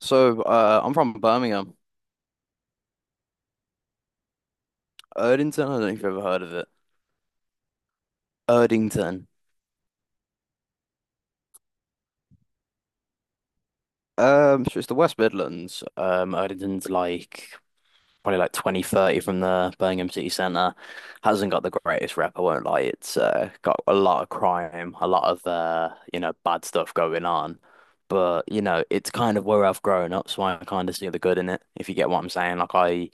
So, I'm from Birmingham, Erdington. I don't know if you've ever heard of it. Erdington. So it's the West Midlands. Erdington's like probably like 20-30 the Birmingham city centre. Hasn't got the greatest rep, I won't lie. It's got a lot of crime, a lot of bad stuff going on. But it's kind of where I've grown up, so I kind of see the good in it. If you get what I'm saying, like I,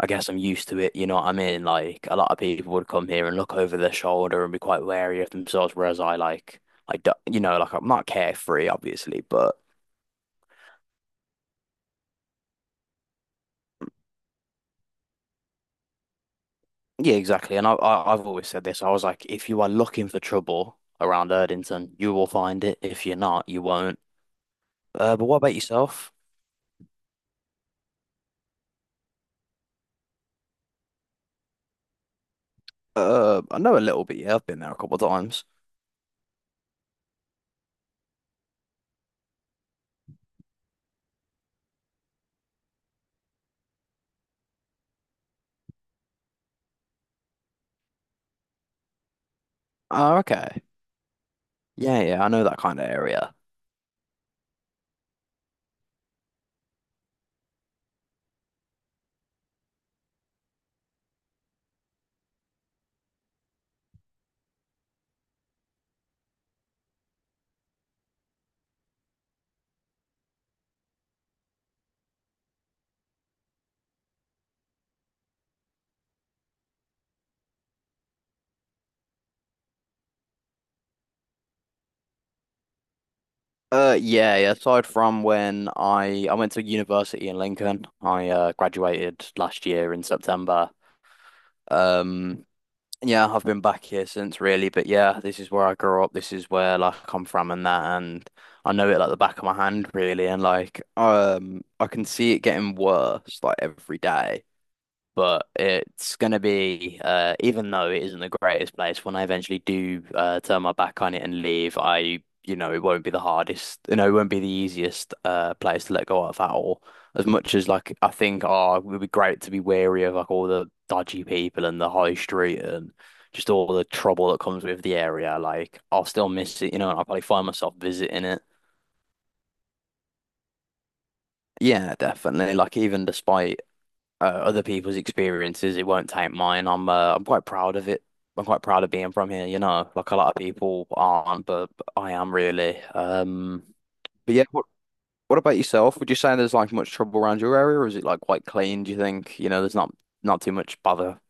I guess I'm used to it, you know what I mean? Like a lot of people would come here and look over their shoulder and be quite wary of themselves, whereas I like I don't, like I'm not carefree, obviously, but yeah, exactly. And I I've always said this. I was like, if you are looking for trouble around Erdington, you will find it. If you're not, you won't. But what about yourself? I know a little bit. Yeah, I've been there a couple of times. Oh, okay. Yeah, yeah, I know that kind of area. Yeah, yeah. Aside from when I went to university in Lincoln, I graduated last year in September. Um, yeah, I've been back here since really, but yeah, this is where I grew up. This is where like I'm from and that, and I know it like the back of my hand really, and like I can see it getting worse like every day. But it's going to be, even though it isn't the greatest place, when I eventually do turn my back on it and leave, it won't be the hardest, it won't be the easiest place to let go of at all. As much as like I think, oh, it would be great to be wary of like all the dodgy people and the high street and just all the trouble that comes with the area. Like I'll still miss it, and I'll probably find myself visiting it. Yeah, definitely. Like even despite other people's experiences. It won't taint mine. I'm quite proud of it. I'm quite proud of being from here. Like a lot of people aren't, but I am really. But yeah, what about yourself? Would you say there's like much trouble around your area, or is it like quite clean, do you think? There's not too much bother.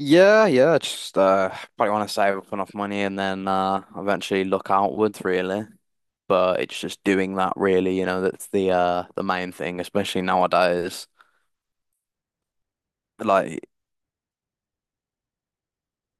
Yeah, yeah, just probably want to save up enough money and then eventually look outwards really. But it's just doing that really. That's the main thing, especially nowadays. Like,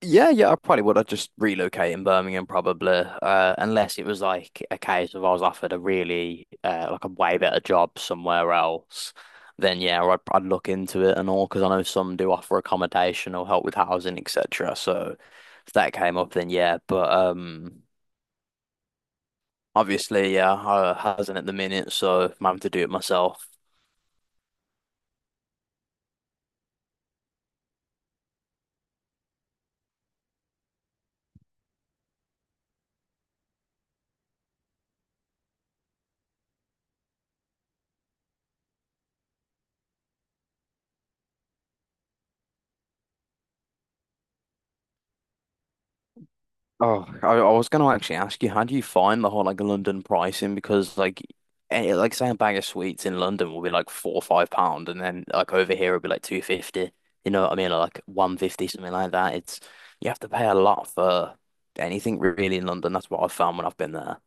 yeah, yeah, I probably would. I'd just relocate in Birmingham probably, unless it was like a case of I was offered a really like a way better job somewhere else. Then yeah, I'd look into it and all because I know some do offer accommodation or help with housing, etc. So if that came up, then yeah. But obviously, yeah, I hasn't at the minute, so I'm having to do it myself. Oh, I was going to actually ask you, how do you find the whole like London pricing? Because like, like say a bag of sweets in London will be like £4 or £5, and then like over here it'll be like 2.50. You know what I mean? Or, like 1.50, something like that. It's you have to pay a lot for anything really in London. That's what I've found when I've been there.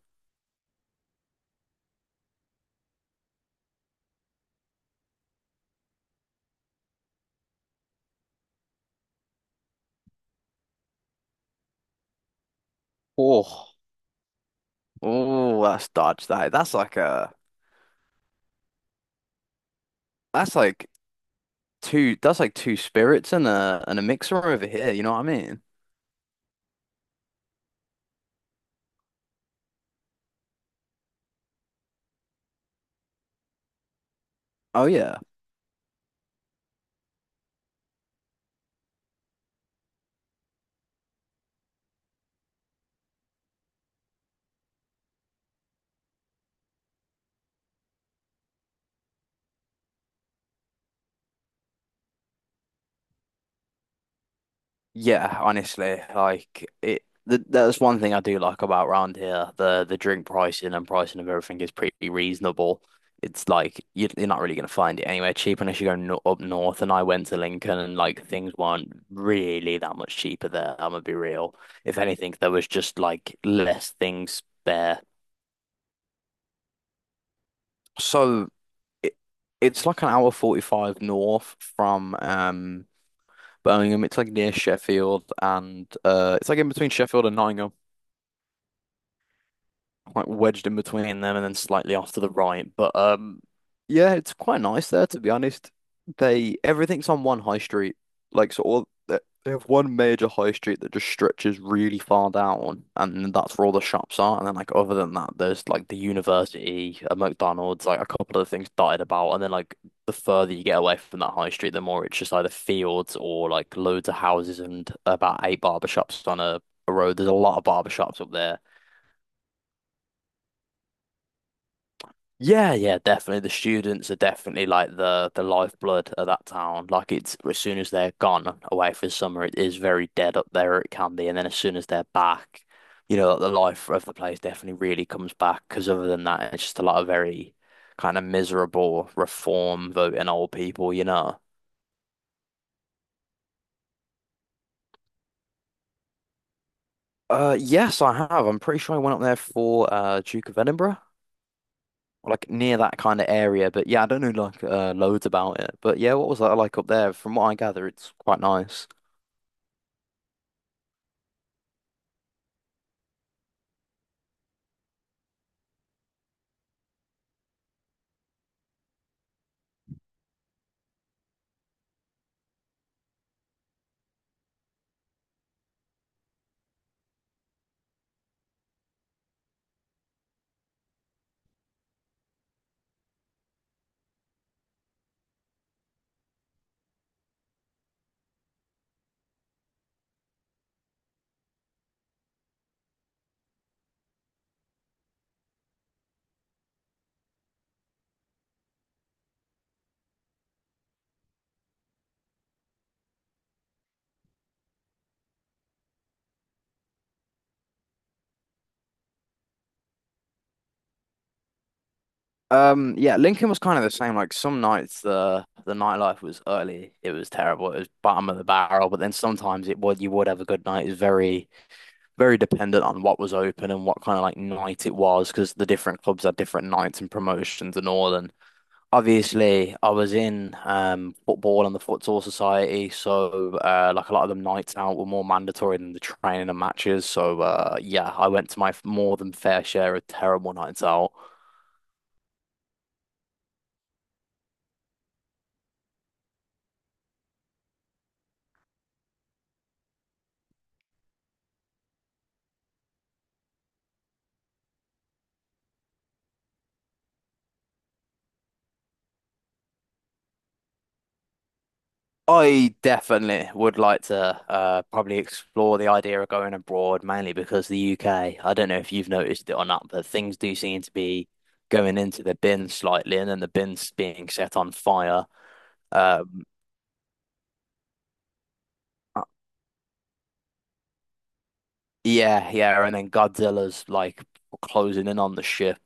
Oh, oh, that's dodge that. That's like a that's like that's like two spirits and a mixer over here. You know what I mean? Oh yeah. Yeah, honestly, like it. Th that's one thing I do like about round here. The drink pricing and pricing of everything is pretty reasonable. It's like you're not really gonna find it anywhere cheap unless you go no up north. And I went to Lincoln, and like things weren't really that much cheaper there. I'm gonna be real. If anything, there was just like less things there. So it, it's like an hour 45 north from Birmingham. It's like near Sheffield, and it's like in between Sheffield and Nottingham. Like wedged in between them and then slightly off to the right. But yeah, it's quite nice there to be honest. They Everything's on one high street, like so all they have one major high street that just stretches really far down, and that's where all the shops are. And then like other than that, there's like the university, a McDonald's, like a couple of things dotted about, and then like. The further you get away from that high street, the more it's just either fields or like loads of houses and about eight barber shops on a road. There's a lot of barber shops up there. Yeah, yeah, definitely. The students are definitely like the lifeblood of that town. Like it's as soon as they're gone away for summer, it is very dead up there. It can be, and then as soon as they're back, the life of the place definitely really comes back. Because other than that, it's just a lot of very kind of miserable reform voting old people. Yes, I have. I'm pretty sure I went up there for Duke of Edinburgh, like near that kind of area. But yeah, I don't know like loads about it. But yeah, what was that like up there? From what I gather, it's quite nice. Yeah, Lincoln was kind of the same. Like some nights the nightlife was early, it was terrible, it was bottom of the barrel, but then sometimes it would you would have a good night. It was very, very dependent on what was open and what kind of like night it was, because the different clubs had different nights and promotions and all. And obviously I was in football and the futsal society, so like a lot of them nights out were more mandatory than the training and matches. So yeah, I went to my more than fair share of terrible nights out. I definitely would like to probably explore the idea of going abroad, mainly because the UK, I don't know if you've noticed it or not, but things do seem to be going into the bin slightly and then the bin's being set on fire. Um, uh, yeah, yeah, and then Godzilla's like closing in on the ship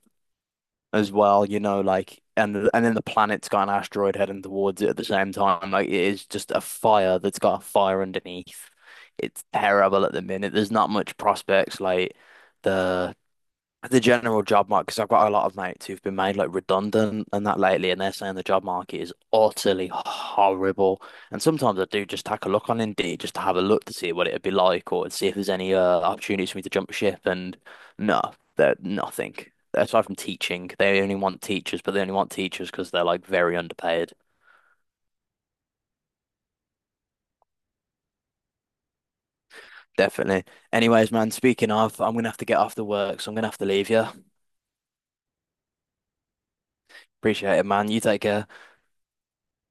as well, like and then the planet's got an asteroid heading towards it at the same time. Like it is just a fire that's got a fire underneath. It's terrible at the minute. There's not much prospects. Like the the general job market, because I've got a lot of mates who've been made like redundant and that lately, and they're saying the job market is utterly horrible. And sometimes I do just take a look on Indeed just to have a look to see what it'd be like or to see if there's any opportunities for me to jump ship. And no, they're nothing. Aside from teaching, they only want teachers, but they only want teachers because they're like very underpaid. Definitely. Anyways, man, speaking of, I'm gonna have to get off to work, so I'm gonna have to leave you. Appreciate it, man. You take care.